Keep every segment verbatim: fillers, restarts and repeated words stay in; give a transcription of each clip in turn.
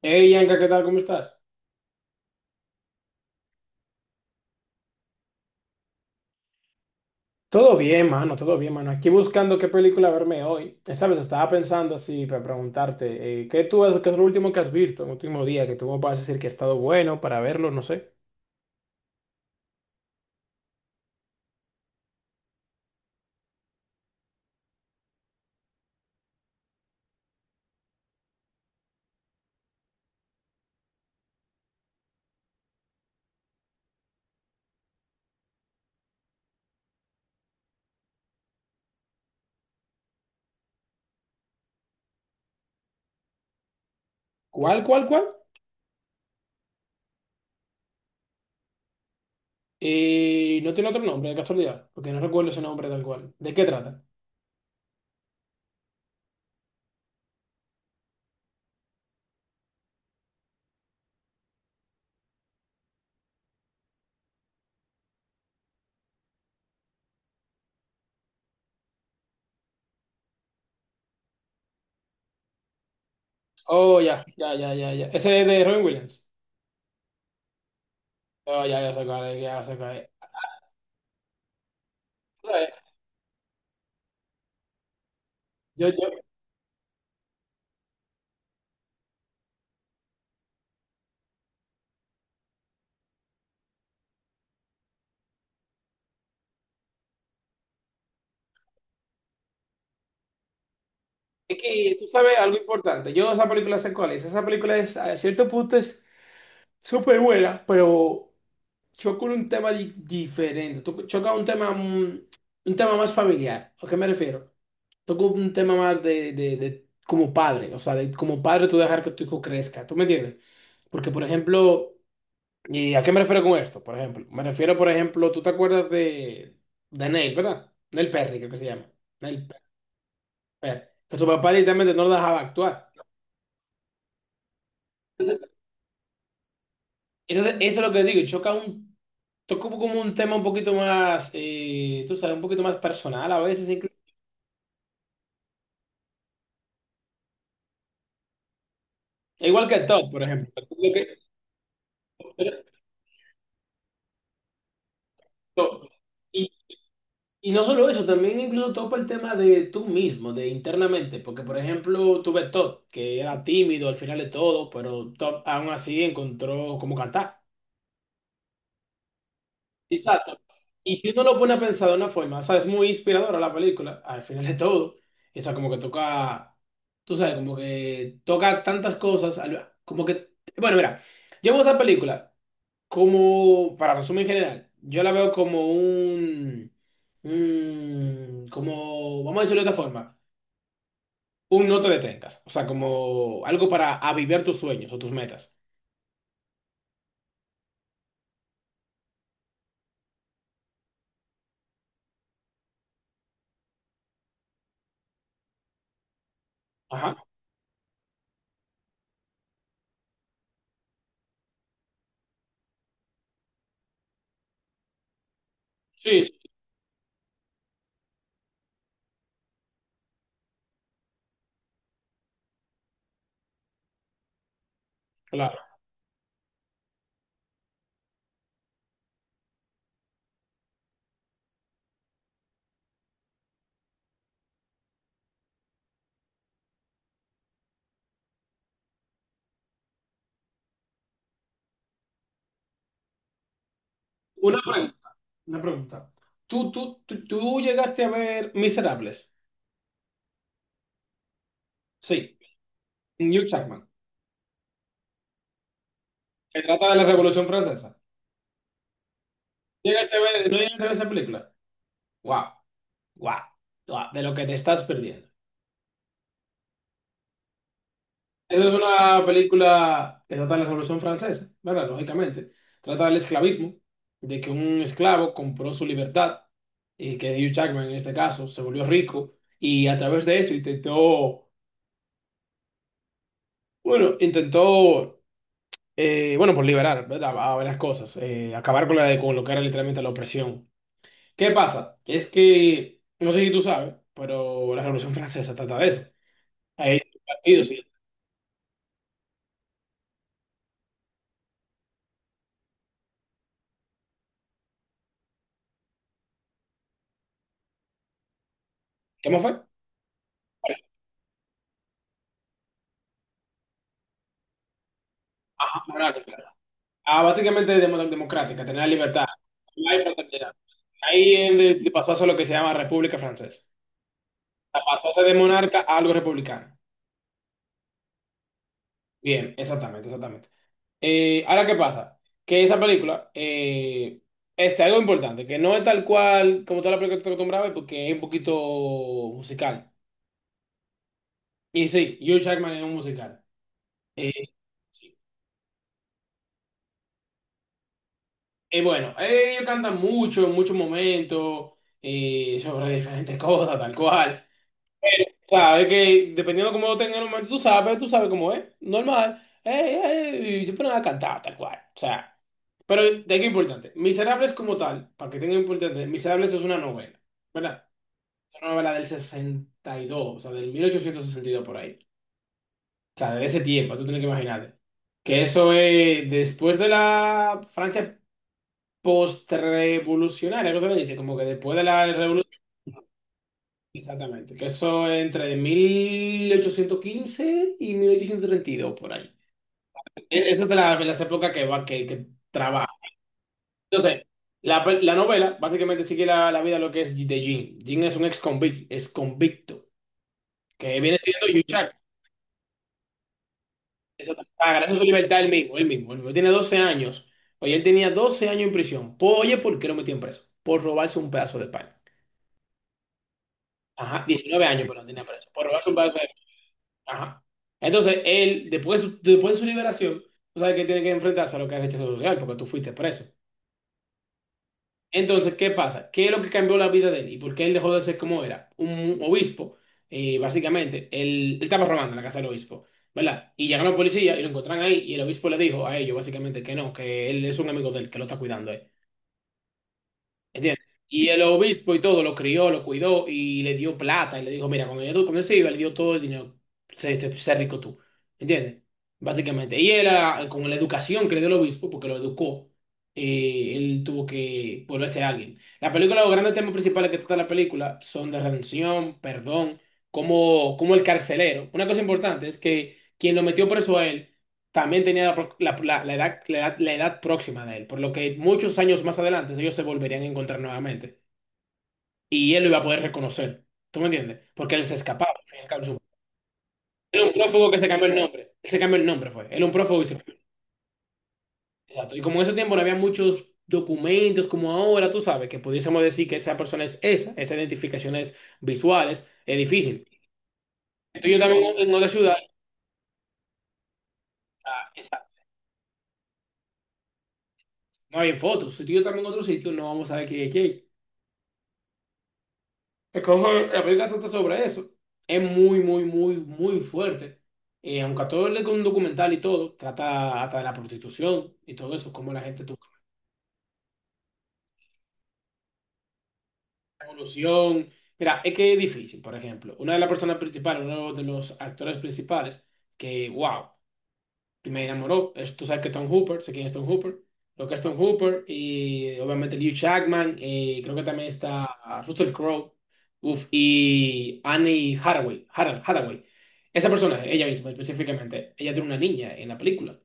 Hey, Yanka, ¿qué tal? ¿Cómo estás? Todo bien, mano, todo bien, mano. Aquí buscando qué película verme hoy. Eh, ¿Sabes? Estaba pensando así para preguntarte, eh, ¿qué tú has, qué es lo último que has visto, el último día, que tú me puedas decir que ha estado bueno para verlo, no sé. ¿Cuál, cuál, cuál? Eh, no tiene otro nombre, de casualidad, porque no recuerdo ese nombre tal cual. ¿De qué trata? Oh, ya, ya, ya, ya, ya. Ese es de Robin Williams. Oh, ya, ya se cae, ya se cae. ¿Sabes? Yo, yo, es que tú sabes algo importante. Yo esa película sé cuál es. Esa película es, a cierto punto, es súper buena, pero choca un tema di- diferente. to- Choca un tema, mm, un tema más familiar. ¿A qué me refiero? Toco un tema más de, de- de como padre, o sea, de como padre tú dejar que tu hijo crezca. ¿Tú me entiendes? Porque, por ejemplo, ¿y a qué me refiero con esto? Por ejemplo, me refiero, por ejemplo, tú te acuerdas de, de Neil, ¿verdad? Neil Perry, creo que se llama. Neil Pe- Perry. Que su papá directamente no lo dejaba actuar. Entonces, eso es lo que digo, choca un toco como un tema un poquito más, eh, tú sabes, un poquito más personal a veces, incluso. Igual que el top, por ejemplo. Lo que- to- Y, y no solo eso, también incluso topa el tema de tú mismo, de internamente, porque por ejemplo tuve top que era tímido al final de todo, pero top aún así encontró cómo cantar. Exacto. Y si uno lo pone a pensar de una forma, o sea, es muy inspiradora la película, al final de todo. O sea, como que toca, tú sabes, como que toca tantas cosas, al- como que, bueno, mira, yo veo esa película como, para resumir en general, yo la veo como un, un- como, vamos a decirlo de otra forma, un no te detengas, o sea, como algo para avivar tus sueños o tus metas. Ajá, sí, sí, claro. Una pregunta. Una pregunta. ¿Tú, tú, tú, tú llegaste a ver Miserables? Sí. Hugh Jackman. Se trata de la Revolución Francesa. ¿Llegaste a ver, no llegaste a ver esa película? ¡Guau! ¡Guau! ¡Guau! De lo que te estás perdiendo. Esa es una película que trata de la Revolución Francesa, ¿verdad? Lógicamente. Trata del esclavismo, de que un esclavo compró su libertad y que Hugh Jackman en este caso se volvió rico y a través de eso intentó, bueno, intentó Eh, bueno, por liberar, ¿verdad? A varias cosas. Eh, acabar con la de, con lo que era literalmente la opresión. ¿Qué pasa? Es que, no sé si tú sabes, pero la Revolución Francesa trata de eso. Hay partidos, ¿sí? ¿Cómo fue? Ajá, moral, claro. Ah, básicamente demo- democrática, tener la libertad. La fraternidad. Ahí él le pasó a ser lo que se llama República Francesa. O sea, pasó a ser de monarca a algo republicano. Bien, exactamente, exactamente. Eh, ahora, ¿qué pasa? Que esa película, eh, este, algo importante, que no es tal cual como toda la película que te acostumbraba, a ver, porque es un poquito musical. Y sí, Hugh Jackman es un musical. Eh, eh, bueno, ellos cantan mucho en muchos momentos, eh, sobre diferentes cosas, tal cual. Sea, es que dependiendo de cómo lo tengas en el momento, tú sabes, tú sabes cómo es, normal. Eh, eh, y yo pongo a cantar, tal cual. O sea, pero de qué importante. Miserables como tal, para que tenga importante, Miserables es una novela, ¿verdad? Es una novela del sesenta y dos, o sea, del mil ochocientos sesenta y dos por ahí. O sea, de ese tiempo, tú tienes que imaginarte. Que eso es después de la Francia postrevolucionaria, ¿cómo se le dice? Como que después de la revolución. Exactamente, que eso es entre mil ochocientos quince y mil ochocientos treinta y dos por ahí. E- Esa es la, las épocas que va, que, que trabaja. Entonces, la, pe- la novela básicamente sigue la, la vida de lo que es de Jin Jin. Es un ex convicto, ex convicto, que viene siendo Yuchak. Exactamente. Ah, gracias a su libertad él mismo, él mismo. Él mismo. Tiene doce años. Oye, él tenía doce años en prisión. Po- Oye, ¿por qué lo metían preso? Por robarse un pedazo de pan. Ajá, diecinueve años, pero tenía preso. Por robarse un pedazo de... Ajá. Entonces, él, después de su, después de su liberación, tú sabes que él tiene que enfrentarse a lo que es rechazo social, porque tú fuiste preso. Entonces, ¿qué pasa? ¿Qué es lo que cambió la vida de él? ¿Y por qué él dejó de ser como era? Un obispo, eh, básicamente, él, él estaba robando en la casa del obispo, ¿verdad? Y llegaron los policías y lo encontraron ahí, y el obispo le dijo a ellos, básicamente, que no, que él es un amigo de él, que lo está cuidando, eh. ¿Entiendes? Y el obispo y todo lo crió, lo cuidó y le dio plata. Y le dijo, mira, cuando, yo, cuando él se iba, le dio todo el dinero. Sé, sé- sé rico tú. ¿Entiendes? Básicamente. Y él, ah, con la educación que le dio el obispo, porque lo educó, eh, él tuvo que volverse alguien. La película, los grandes temas principales que trata la película son de redención, perdón, como, como el carcelero. Una cosa importante es que quien lo metió preso a él también tenía la, pro- la- la- la edad, la edad- la edad próxima de él, por lo que muchos años más adelante ellos se volverían a encontrar nuevamente y él lo iba a poder reconocer. ¿Tú me entiendes? Porque él se escapaba. Al fin y al cabo, su- él era un prófugo que se cambió el nombre. Él se cambió el nombre, fue. Él era un prófugo y se... Exacto. Y como en ese tiempo no había muchos documentos como ahora, tú sabes, que pudiésemos decir que esa persona es esa, esas identificaciones visuales, es difícil. Entonces yo también en otra ciudad no había fotos. Si tú y yo también en otro sitio no vamos a ver quién es quién. Es que ojo, la película trata sobre eso. Es muy, muy, muy, muy fuerte. Eh, aunque a todo le con un documental y todo, trata hasta de la prostitución y todo eso, cómo la gente tuvo la evolución. Mira, es que es difícil, por ejemplo. Una de las personas principales, uno de los actores principales, que, wow. Y me enamoró. Es- tú sabes que Tom Hooper, sé quién es Tom Hooper, lo que es Tom Hooper, y eh, obviamente Liu Chapman, y creo que también está, ah, Russell Crowe, uf, y Annie Hathaway, Hara- Hathaway. Esa personaje, ella misma específicamente, ella tiene una niña en la película.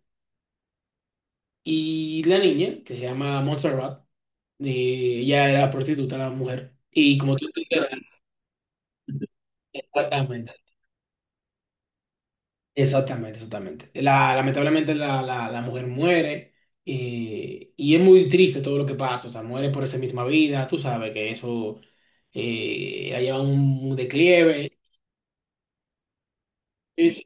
Y la niña, que se llama Montserrat, y ella era prostituta, la mujer. Y como tú te enteras. Exactamente. Exactamente, exactamente. La, lamentablemente la, la, la mujer muere eh, y es muy triste todo lo que pasa, o sea, muere por esa misma vida, tú sabes que eso, eh, ha llevado un, un declive. Es-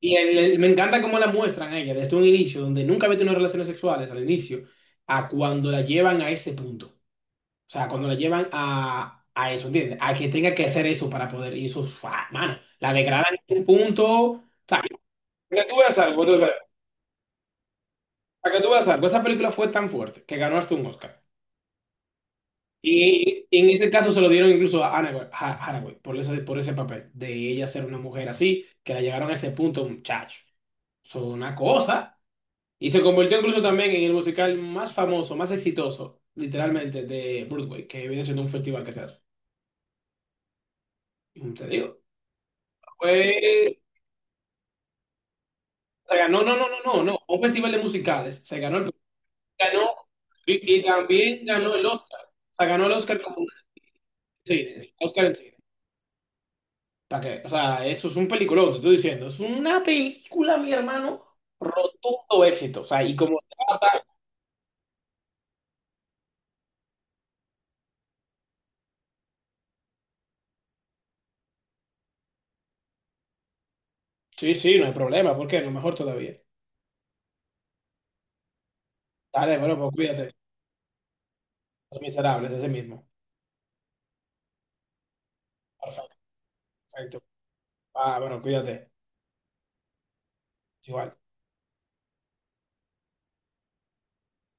y el- el- Me encanta cómo la muestran a ella desde un inicio, donde nunca había tenido relaciones sexuales al inicio, a cuando la llevan a ese punto. O sea, cuando la llevan a, a eso, ¿entiendes? A que tenga que hacer eso para poder, y eso, ¡fua! Mano, la degradan en un punto. O sea, que tú veas algo, ¿no? Para que tú veas algo, esa película fue tan fuerte que ganó hasta un Oscar. Y, y en ese caso se lo dieron incluso a Anne Hathaway Ha- Hathaway, por ese, por ese papel, de ella ser una mujer así, que la llegaron a ese punto, muchacho. Son una cosa. Y se convirtió incluso también en el musical más famoso, más exitoso, literalmente, de Broadway, que viene siendo un festival que se hace. Mm, Te digo. Fue Se ganó, no, no, no, no, no, un festival de musicales. Se ganó el ganó, y, y también ganó el Oscar. O sea, ganó el Oscar, como sí, el Oscar en cine. ¿Para qué? O sea, eso es un peliculón, te estoy diciendo. Es una película, mi hermano, rotundo éxito. O sea, y como trata. Sí, sí, no hay problema. ¿Por qué? No, mejor todavía. Dale, bueno, pues cuídate. Los Miserables, ese mismo. Perfecto, perfecto. Ah, bueno, cuídate. Igual.